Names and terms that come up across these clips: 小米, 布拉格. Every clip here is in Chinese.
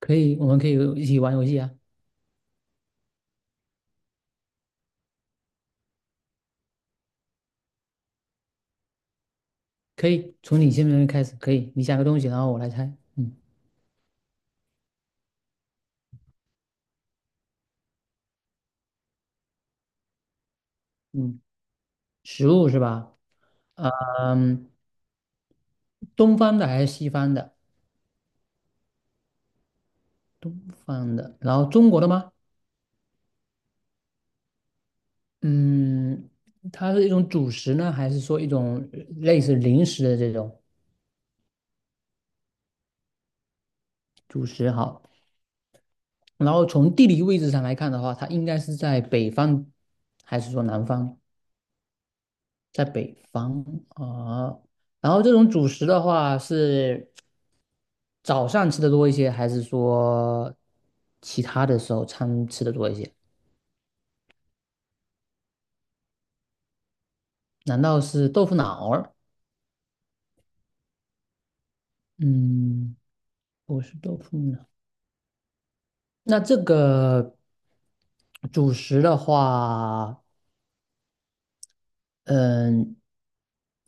可以，我们可以一起玩游戏啊。可以，从你先边开始，可以，你想个东西，然后我来猜。嗯嗯，食物是吧？嗯，东方的还是西方的？东方的，然后中国的吗？嗯，它是一种主食呢，还是说一种类似零食的这种主食？好，然后从地理位置上来看的话，它应该是在北方还是说南方？在北方啊，然后这种主食的话是早上吃的多一些，还是说其他的时候餐吃的多一些？难道是豆腐脑儿？嗯，不是豆腐脑。那这个主食的话，嗯，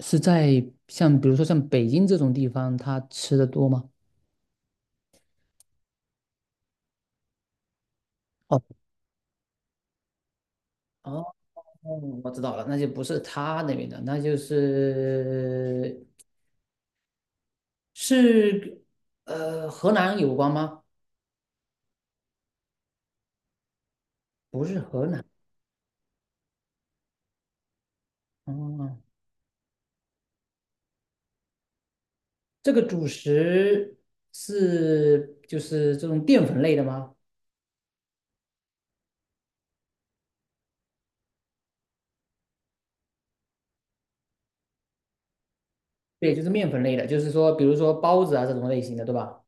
是在像比如说像北京这种地方，它吃的多吗？哦哦，我知道了，那就不是他那边的，那就是是河南有关吗？不是河南，哦，这个主食是就是这种淀粉类的吗？对，就是面粉类的，就是说比如说包子啊这种类型的，对吧？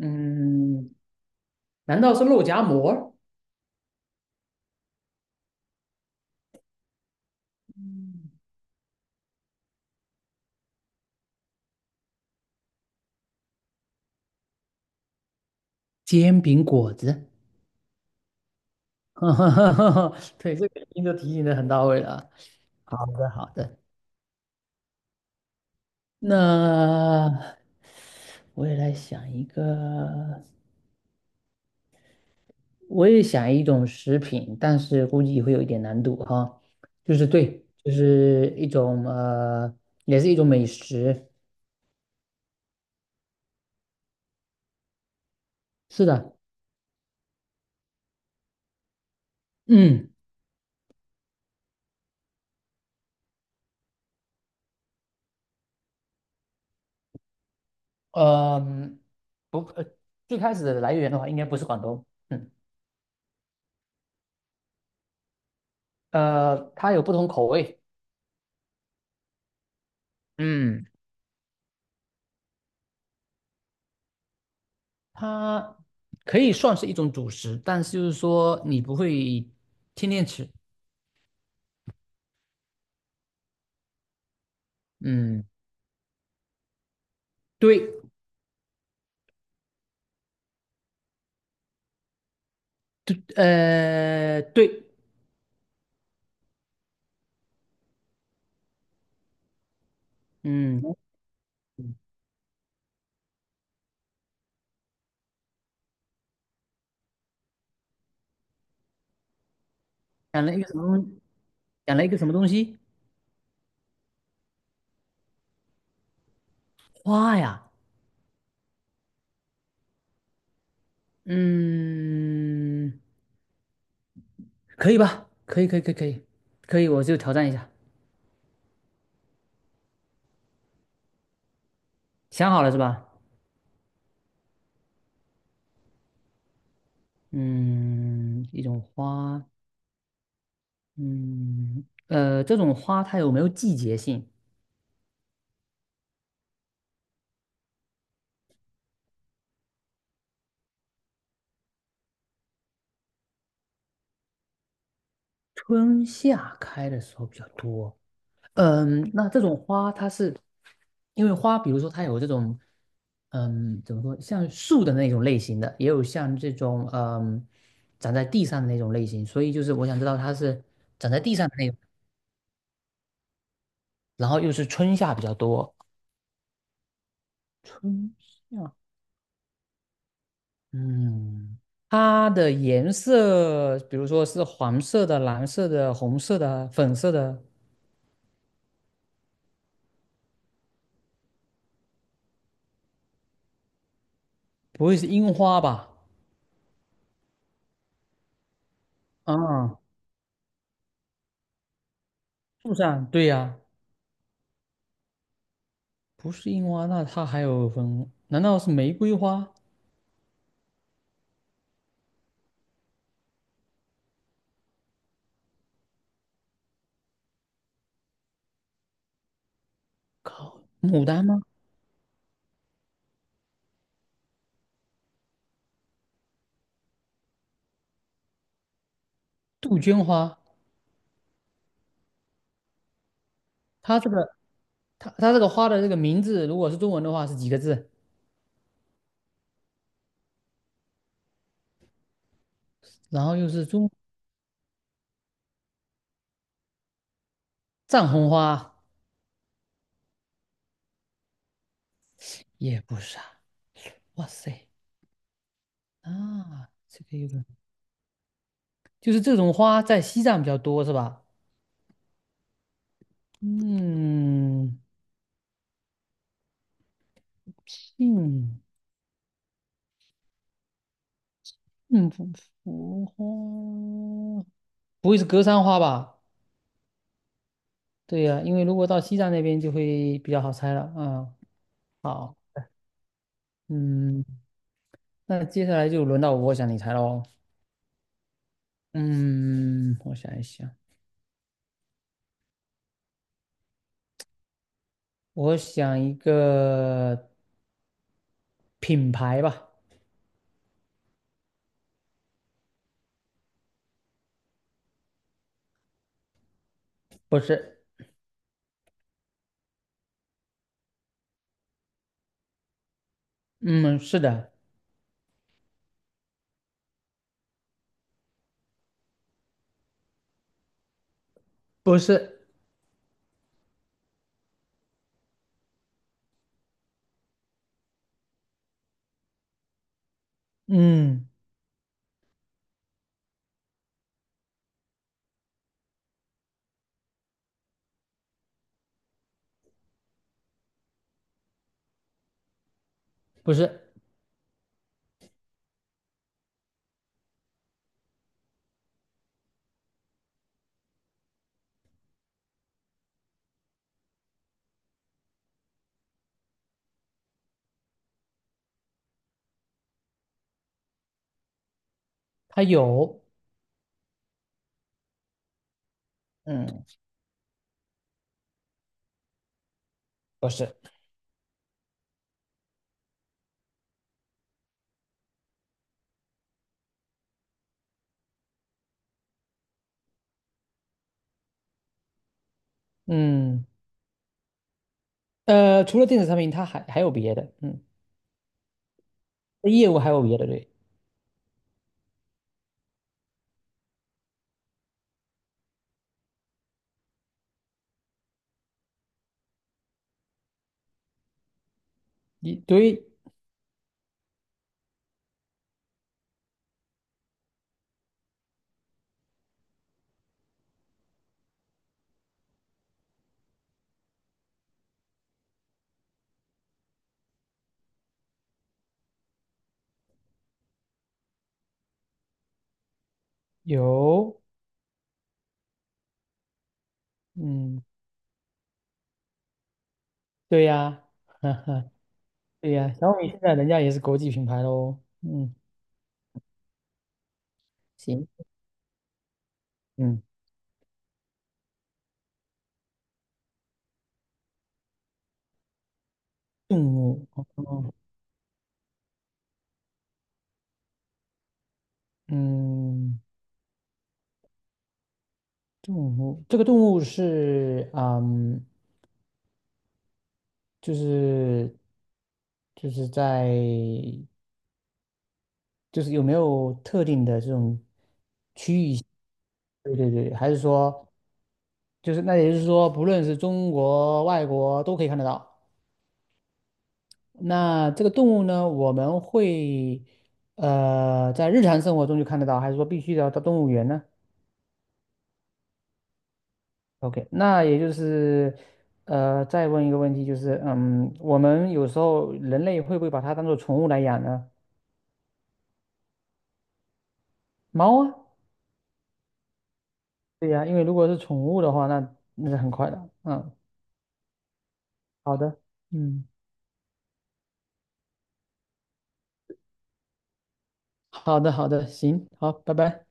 嗯，难道是肉夹馍、煎饼果子？哈哈哈，对，这个您就提醒的很到位了啊。好的，好的，那我也来想一个。我也想一种食品，但是估计会有一点难度哈。就是对，就是一种也是一种美食。是的，嗯，呃，不，最开始的来源的话，应该不是广东。嗯，它有不同口味。嗯，它可以算是一种主食，但是就是说你不会天天吃。嗯，对，对，对，嗯，讲了一个什么，讲了一个什么东西？花呀，嗯，可以吧？可以，可以，可以，可以，可以，我就挑战一下。想好了是吧？嗯，一种花，嗯，这种花它有没有季节性？春夏开的时候比较多。嗯，那这种花它是，因为花，比如说它有这种，嗯，怎么说，像树的那种类型的，也有像这种，嗯，长在地上的那种类型，所以就是我想知道它是长在地上的那种。然后又是春夏比较多。春夏，嗯，它的颜色，比如说是黄色的、蓝色的、红色的、粉色的，不会是樱花吧？啊，树上，对呀，不是樱花，那它还有粉，难道是玫瑰花、靠，牡丹吗？杜鹃花？它这个，它这个花的这个名字，如果是中文的话是几个字？然后又是中藏红花，也不是啊。哇塞，啊，这个就是这种花在西藏比较多是吧？嗯，幸幸福花，不会是格桑花吧？对呀、因为如果到西藏那边就会比较好猜了。嗯，好，嗯，那接下来就轮到我想你猜喽。嗯，我想一想，我想一个品牌吧，不是，嗯，是的，不是，嗯，不是，它有，嗯，不是，嗯。除了电子产品，它还有别的，嗯，业务还有别的，对，一对有，嗯，对呀，哈哈，对呀，小米现在人家也是国际品牌喽，嗯，行，嗯，动物，哦嗯，动物，这个动物是，嗯，就是就是在有没有特定的这种，对对对，还是说就是那也就是说，不论是中国、外国都可以看得到。那这个动物呢，我们会在日常生活中就看得到，还是说必须得要到动物园呢？OK，那也就是再问一个问题，就是嗯，我们有时候人类会不会把它当做宠物来养呢？猫啊，对呀，因为如果是宠物的话，那是很快的。嗯，好的，嗯，好的，好的，行，好，拜拜。